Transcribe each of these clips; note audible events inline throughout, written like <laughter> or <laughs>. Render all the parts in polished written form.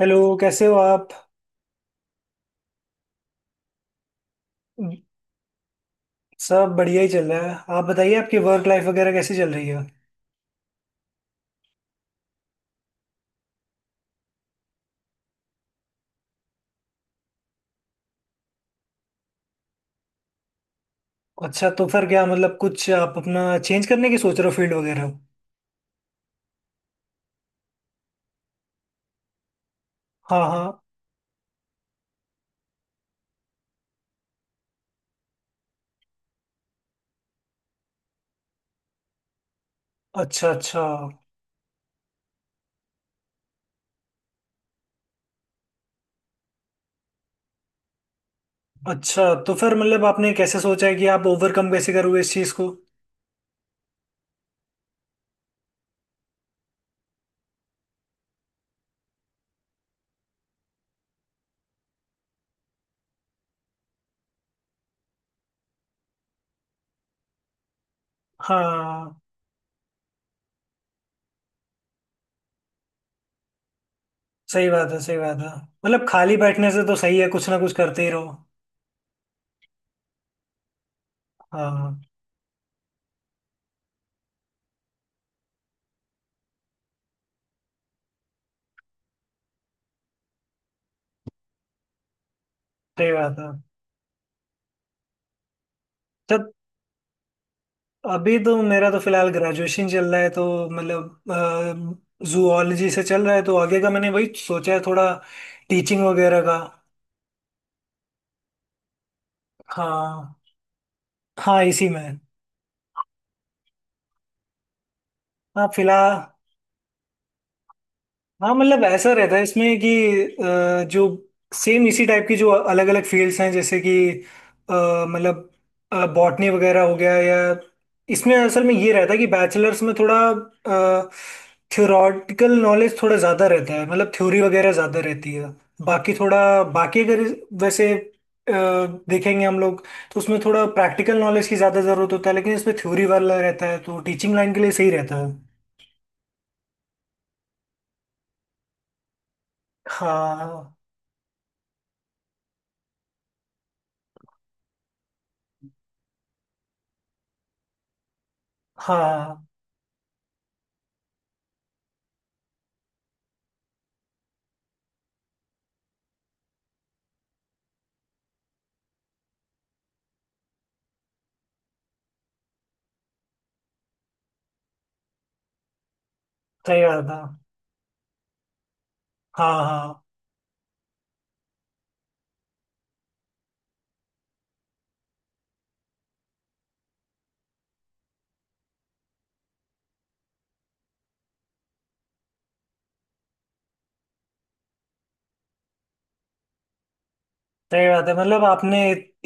Hello, कैसे हो आप। सब बढ़िया ही चल रहा है। आप बताइए, आपकी वर्क लाइफ वगैरह कैसी चल रही है। अच्छा, तो फिर क्या मतलब, कुछ आप अपना चेंज करने की सोच रहे हो, फील्ड वगैरह। हाँ, हाँ। अच्छा, अच्छा। अच्छा, तो फिर मतलब आपने कैसे सोचा है कि आप ओवरकम कैसे करोगे इस चीज़ को। हाँ। सही बात है, सही बात है। मतलब खाली बैठने से तो सही है, कुछ ना कुछ करते ही रहो। हाँ, सही बात है। तो अभी तो मेरा तो फिलहाल ग्रेजुएशन चल रहा है, तो मतलब जूलॉजी से चल रहा है, तो आगे का मैंने वही सोचा है, थोड़ा टीचिंग वगैरह का। हाँ, हाँ। इसी में। हाँ, फिलहाल। हाँ मतलब ऐसा रहता है इसमें कि जो सेम इसी टाइप की जो अलग अलग फील्ड्स हैं, जैसे कि मतलब बॉटनी वगैरह हो गया, या इसमें असल में ये रहता है कि बैचलर्स में थोड़ा थ्योरेटिकल नॉलेज थोड़ा ज़्यादा रहता है। मतलब थ्योरी वगैरह ज़्यादा रहती है। बाकी थोड़ा, बाकी अगर, वैसे देखेंगे हम लोग। तो उसमें थोड़ा प्रैक्टिकल नॉलेज की ज़्यादा ज़रूरत होता है, लेकिन इसमें थ्योरी वाला रहता है, तो टीचिंग लाइन के लिए सही रहता है। हाँ, हाँ। सही बात है। हाँ, हाँ। सही बात है। मतलब आपने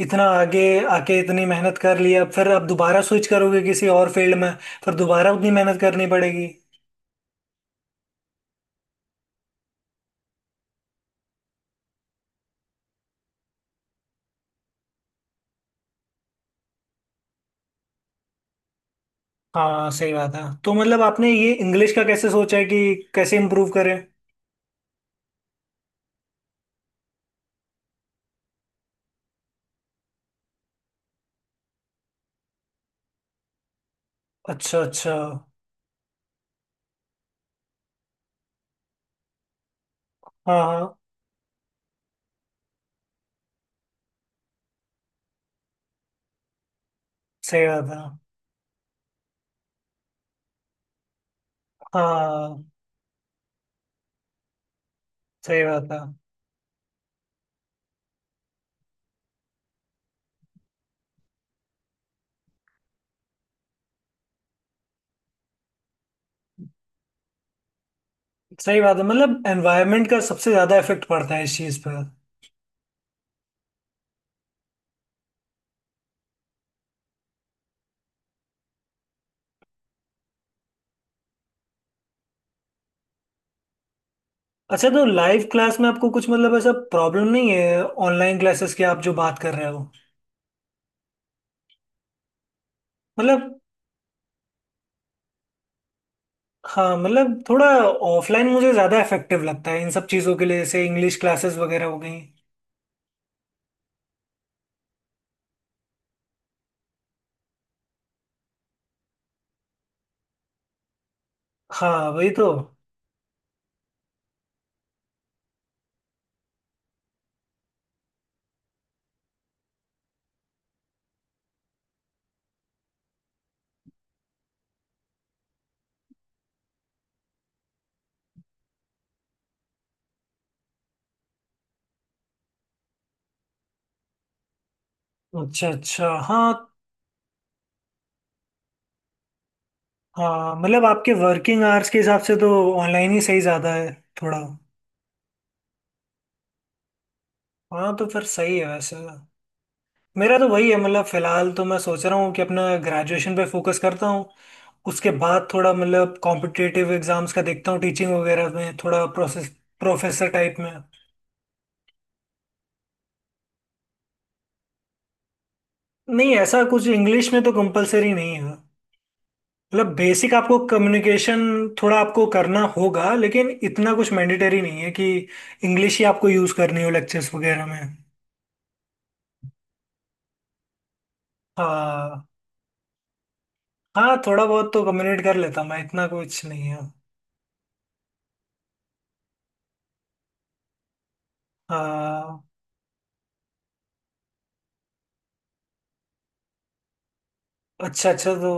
इतना आगे आके इतनी मेहनत कर ली, अब फिर आप दोबारा स्विच करोगे किसी और फील्ड में, फिर दोबारा उतनी मेहनत करनी पड़ेगी। हाँ, सही बात है। तो मतलब आपने ये इंग्लिश का कैसे सोचा है कि कैसे इम्प्रूव करें। अच्छा, अच्छा। हाँ, हाँ। सही बात है। हाँ, सही बात है, सही बात है। मतलब एनवायरनमेंट का सबसे ज्यादा इफेक्ट पड़ता है इस चीज पर। अच्छा, तो लाइव क्लास में आपको कुछ मतलब ऐसा प्रॉब्लम नहीं है, ऑनलाइन क्लासेस की, आप जो बात कर रहे हो। मतलब, हाँ मतलब थोड़ा ऑफलाइन मुझे ज्यादा इफेक्टिव लगता है इन सब चीजों के लिए, जैसे इंग्लिश क्लासेस वगैरह हो गई। हाँ, वही तो। अच्छा, अच्छा। हाँ, हाँ। मतलब आपके वर्किंग आवर्स के हिसाब से तो ऑनलाइन ही सही ज्यादा है थोड़ा। हाँ, तो फिर सही है वैसे। मेरा तो वही है, मतलब फिलहाल तो मैं सोच रहा हूँ कि अपना ग्रेजुएशन पे फोकस करता हूँ। उसके बाद थोड़ा मतलब कॉम्पिटिटिव एग्जाम्स का देखता हूँ, टीचिंग वगैरह में थोड़ा प्रोसेस, प्रोफेसर टाइप में। नहीं, ऐसा कुछ इंग्लिश में तो कंपलसरी नहीं है। मतलब बेसिक आपको कम्युनिकेशन थोड़ा आपको करना होगा, लेकिन इतना कुछ मैंडेटरी नहीं है कि इंग्लिश ही आपको यूज करनी हो लेक्चर्स वगैरह में। हाँ, हाँ। थोड़ा बहुत तो कम्युनिकेट कर लेता मैं, इतना कुछ नहीं है। हाँ। अच्छा, अच्छा। तो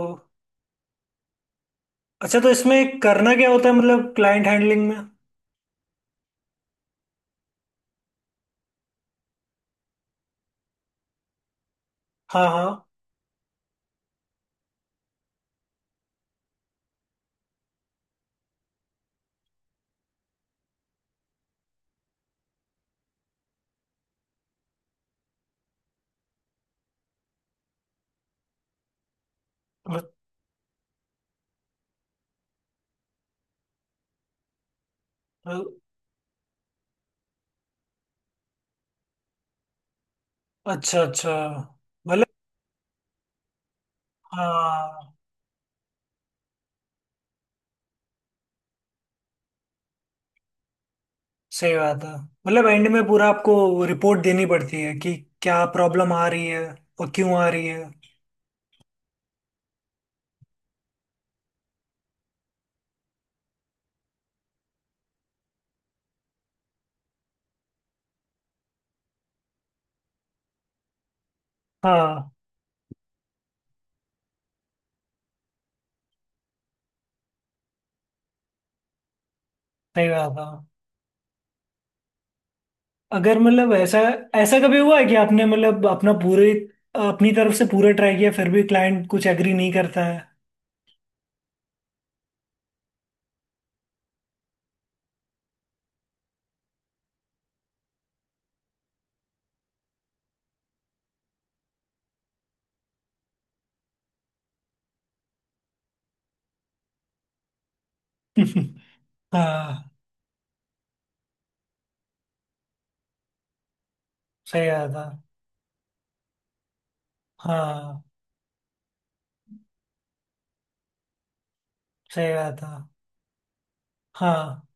अच्छा, तो इसमें करना क्या होता है, मतलब क्लाइंट हैंडलिंग में। हाँ, हाँ। मतलब- अच्छा, अच्छा। मतलब हाँ, सही बात है। मतलब एंड में पूरा आपको रिपोर्ट देनी पड़ती है कि क्या प्रॉब्लम आ रही है और क्यों आ रही है। हाँ, सही बात है। अगर मतलब ऐसा, ऐसा कभी हुआ है कि आपने मतलब अपना पूरे, अपनी तरफ से पूरा ट्राई किया, फिर भी क्लाइंट कुछ एग्री नहीं करता है। <laughs> हाँ। सही बात है। हाँ, सही बात है। हाँ,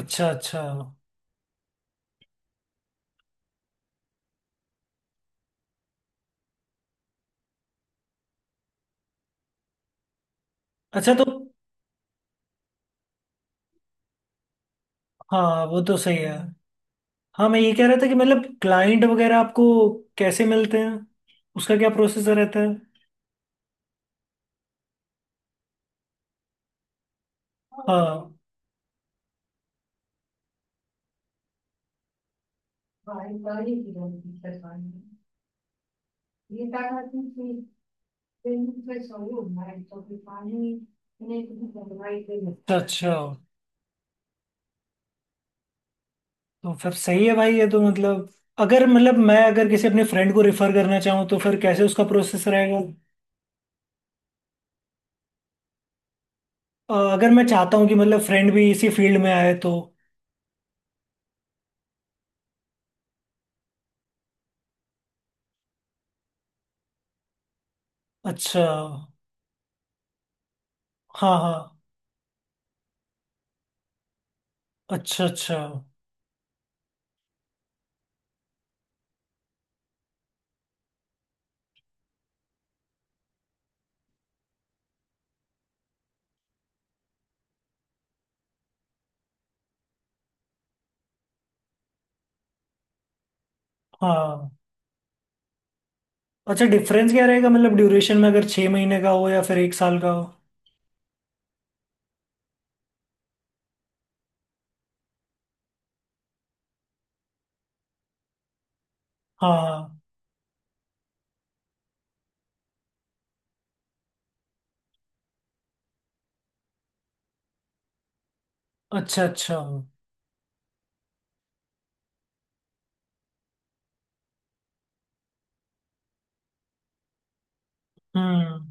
अच्छा, अच्छा। अच्छा, तो हाँ वो तो सही है। हाँ, मैं ये कह रहा था कि मतलब क्लाइंट वगैरह आपको कैसे मिलते हैं, उसका क्या प्रोसेसर रहता है। हाँ, अच्छा, अच्छा। तो फिर सही है भाई, ये तो मतलब, अगर मतलब मैं अगर किसी अपने फ्रेंड को रेफर करना चाहूँ तो फिर कैसे उसका प्रोसेस रहेगा। अगर मैं चाहता हूँ कि मतलब फ्रेंड भी इसी फील्ड में आए तो। अच्छा। हाँ, हाँ। अच्छा, अच्छा। हाँ। अच्छा, डिफरेंस क्या रहेगा, मतलब ड्यूरेशन में, अगर 6 महीने का हो या फिर एक साल का हो। हाँ। अच्छा, अच्छा। हम्म।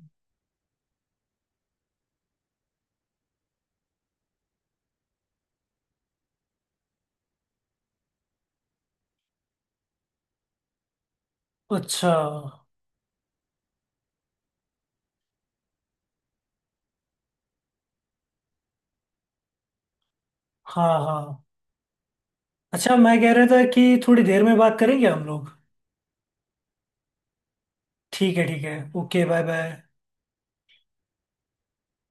अच्छा। हाँ, हाँ। अच्छा, मैं कह रहा था कि थोड़ी देर में बात करेंगे हम लोग। ठीक है, ठीक है। Okay, bye, bye.